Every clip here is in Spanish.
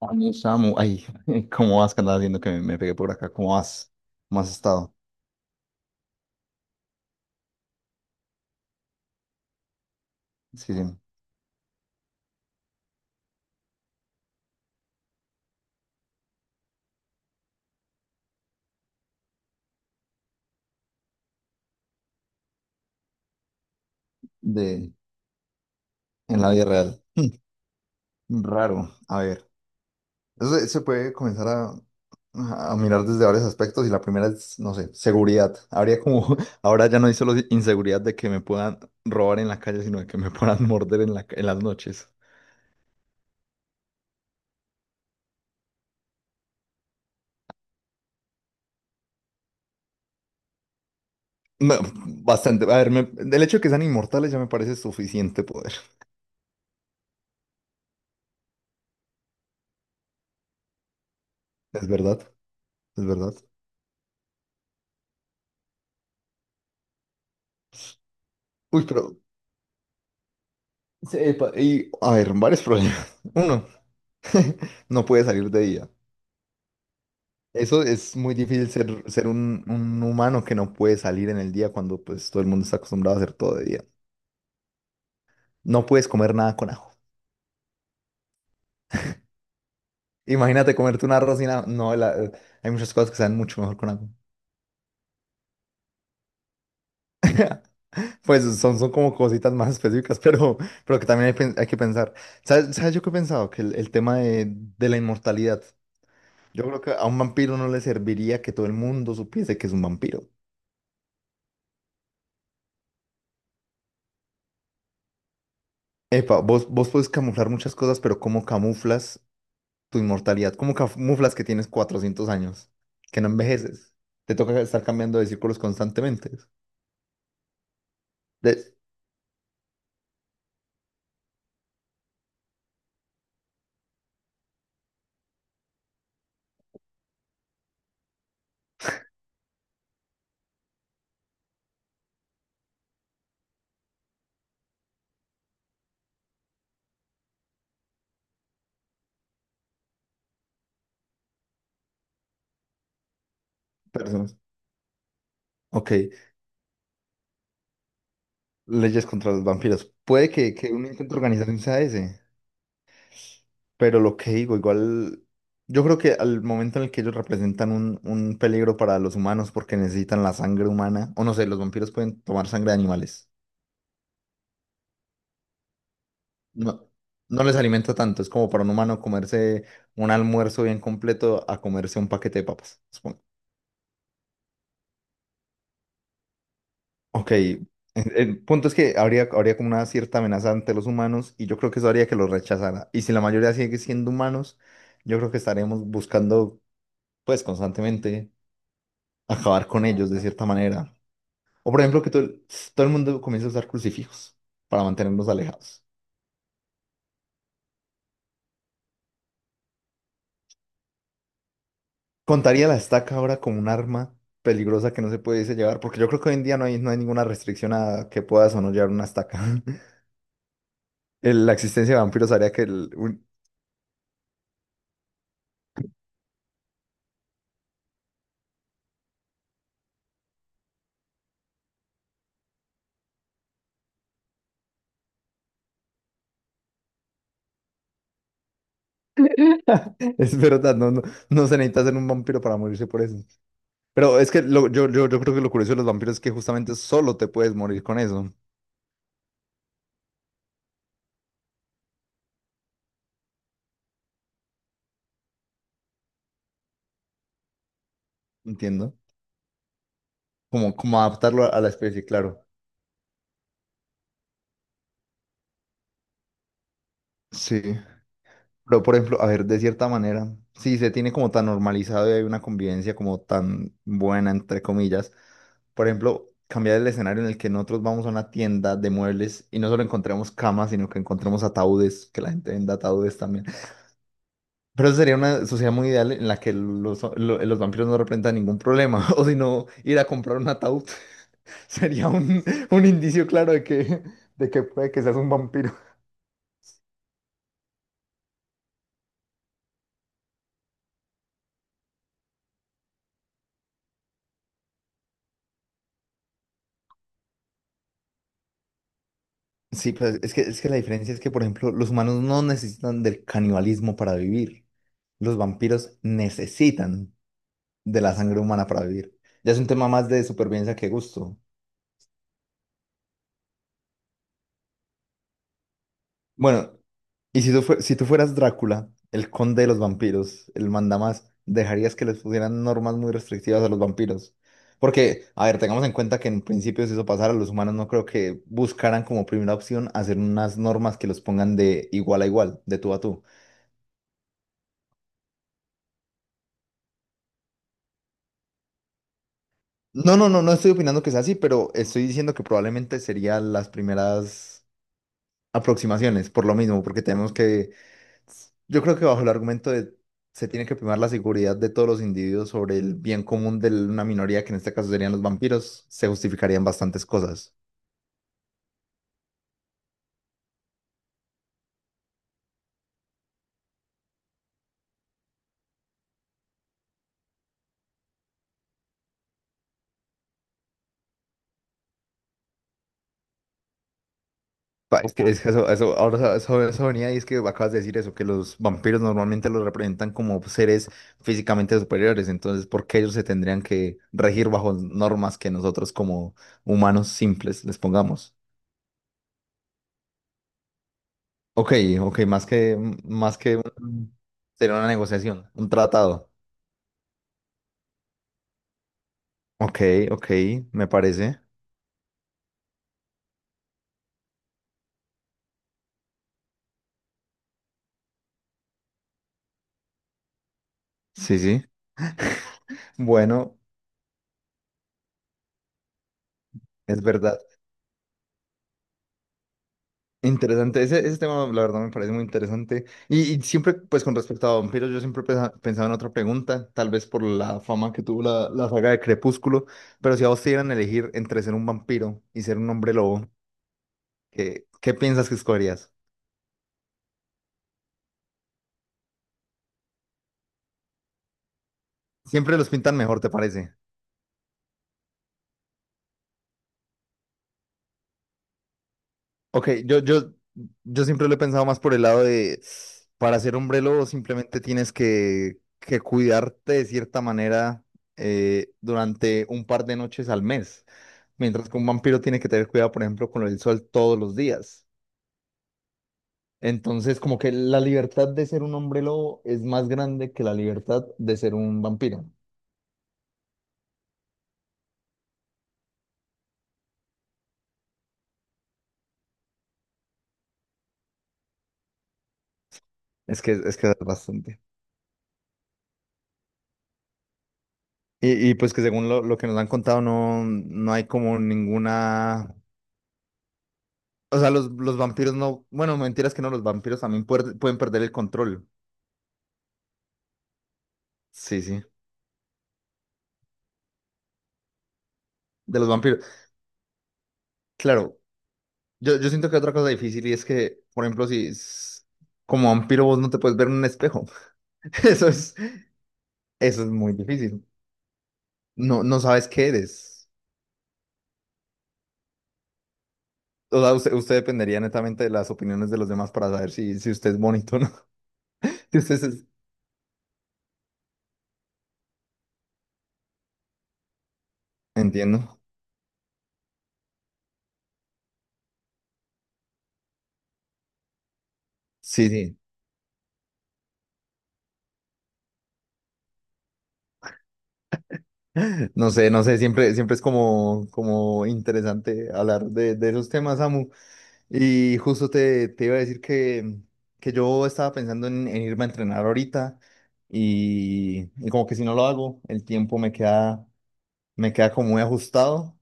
Oye, Samu, ay, ¿cómo vas? ¿Qué andas haciendo que me pegué por acá? ¿Cómo vas? ¿Cómo has estado? Sí, sí, de, en la vida real. Raro. A ver, eso se puede comenzar a mirar desde varios aspectos y la primera es, no sé, seguridad. Habría como, ahora ya no hay solo inseguridad de que me puedan robar en la calle, sino de que me puedan morder en en las noches. No, bastante. A ver, el hecho de que sean inmortales ya me parece suficiente poder. Es verdad, es verdad. Uy, pero sí, epa, y a ver, varios problemas. Uno, no puede salir de día. Eso es muy difícil ser un humano que no puede salir en el día cuando pues todo el mundo está acostumbrado a hacer todo de día. No puedes comer nada con ajo. Imagínate comerte un arroz sin ajo. No, la- Hay muchas cosas que saben mucho mejor con ajo. Pues son como cositas más específicas, pero que también hay, hay que pensar. ¿Sabes yo qué he pensado? Que el tema de la inmortalidad. Yo creo que a un vampiro no le serviría que todo el mundo supiese que es un vampiro. Epa, vos puedes camuflar muchas cosas, pero ¿cómo camuflas tu inmortalidad? ¿Cómo camuflas que tienes 400 años? Que no envejeces. Te toca estar cambiando de círculos constantemente. De personas. Ok, leyes contra los vampiros. Puede que un intento de organización sea ese, pero lo que digo, igual. Yo creo que al momento en el que ellos representan un peligro para los humanos porque necesitan la sangre humana, o no sé, los vampiros pueden tomar sangre de animales. No, no les alimenta tanto. Es como para un humano comerse un almuerzo bien completo a comerse un paquete de papas, supongo. Ok. El punto es que habría, habría como una cierta amenaza ante los humanos y yo creo que eso haría que los rechazara. Y si la mayoría sigue siendo humanos, yo creo que estaremos buscando, pues, constantemente acabar con ellos de cierta manera. O por ejemplo, que todo el mundo comience a usar crucifijos para mantenernos alejados. Contaría la estaca ahora como un arma peligrosa que no se puede llevar, porque yo creo que hoy en día no hay, no hay ninguna restricción a que puedas o no llevar una estaca. El- la existencia de vampiros haría que el, un- Es verdad, no, no, no se necesita ser un vampiro para morirse por eso. Pero es que lo, yo creo que lo curioso de los vampiros es que justamente solo te puedes morir con eso, entiendo. Como, como adaptarlo a la especie, claro. Sí. Pero por ejemplo, a ver, de cierta manera, si se tiene como tan normalizado y hay una convivencia como tan buena, entre comillas. Por ejemplo, cambiar el escenario en el que nosotros vamos a una tienda de muebles y no solo encontremos camas, sino que encontremos ataúdes, que la gente venda ataúdes también. Pero eso sería una sociedad muy ideal en la que los vampiros no representan ningún problema. O si no, ir a comprar un ataúd sería un indicio claro de que puede que seas un vampiro. Sí, pues es que la diferencia es que, por ejemplo, los humanos no necesitan del canibalismo para vivir. Los vampiros necesitan de la sangre humana para vivir. Ya es un tema más de supervivencia que gusto. Bueno, y si tú, si tú fueras Drácula, el conde de los vampiros, el mandamás, ¿dejarías que les pusieran normas muy restrictivas a los vampiros? Porque, a ver, tengamos en cuenta que en principio si eso pasara, los humanos no creo que buscaran como primera opción hacer unas normas que los pongan de igual a igual, de tú a tú. No, no, no, no estoy opinando que sea así, pero estoy diciendo que probablemente serían las primeras aproximaciones, por lo mismo, porque tenemos que. Yo creo que bajo el argumento de se tiene que primar la seguridad de todos los individuos sobre el bien común de una minoría, que en este caso serían los vampiros, se justificarían bastantes cosas. Pa, es que, ujú, es que eso, ahora eso, eso venía y es que acabas de decir eso, que los vampiros normalmente los representan como seres físicamente superiores, entonces, ¿por qué ellos se tendrían que regir bajo normas que nosotros como humanos simples les pongamos? Ok, ok, más que, más que un- sería una negociación, un tratado. Ok, ok, me parece. Sí, sí. Bueno, es verdad. Interesante. Ese tema, la verdad, me parece muy interesante. Y siempre, pues con respecto a vampiros, yo siempre pensaba en otra pregunta, tal vez por la fama que tuvo la saga de Crepúsculo, pero si a vos te dieran a elegir entre ser un vampiro y ser un hombre lobo, ¿qué, qué piensas que escogerías? Siempre los pintan mejor, ¿te parece? Ok, yo siempre lo he pensado más por el lado de, para ser hombrelo simplemente tienes que cuidarte de cierta manera, durante un par de noches al mes, mientras que un vampiro tiene que tener cuidado, por ejemplo, con el sol todos los días. Entonces, como que la libertad de ser un hombrelo es más grande que la libertad de ser un vampiro. Es que es que es bastante. Y pues que según lo que nos han contado, no, no hay como ninguna. O sea, los vampiros no. Bueno, mentiras que no, los vampiros también pueden perder el control. Sí, sí. De los vampiros. Claro, yo siento que otra cosa difícil y es que, por ejemplo, si s- como vampiro vos no te puedes ver en un espejo. Eso es, eso es muy difícil. No, no sabes qué eres. O sea, usted dependería netamente de las opiniones de los demás para saber si, si usted es bonito o no. Si usted es. Entiendo. Sí, sí. No sé, no sé, siempre, siempre es como, como interesante hablar de esos temas, Samu. Y justo te, te iba a decir que yo estaba pensando en irme a entrenar ahorita y como que si no lo hago, el tiempo me queda como muy ajustado,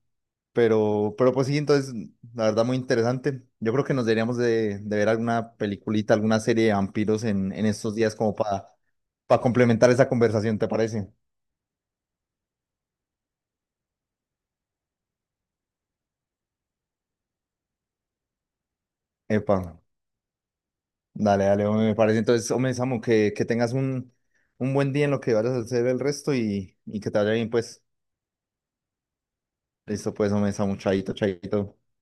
pero pues sí, entonces la verdad muy interesante. Yo creo que nos deberíamos de ver alguna peliculita, alguna serie de vampiros en estos días como para complementar esa conversación, ¿te parece? Epa, dale, dale, hombre, me parece. Entonces, hombre, Samu, que tengas un buen día en lo que vayas a hacer el resto y que te vaya bien, pues. Listo, pues, hombre, estamos chaito, chaito.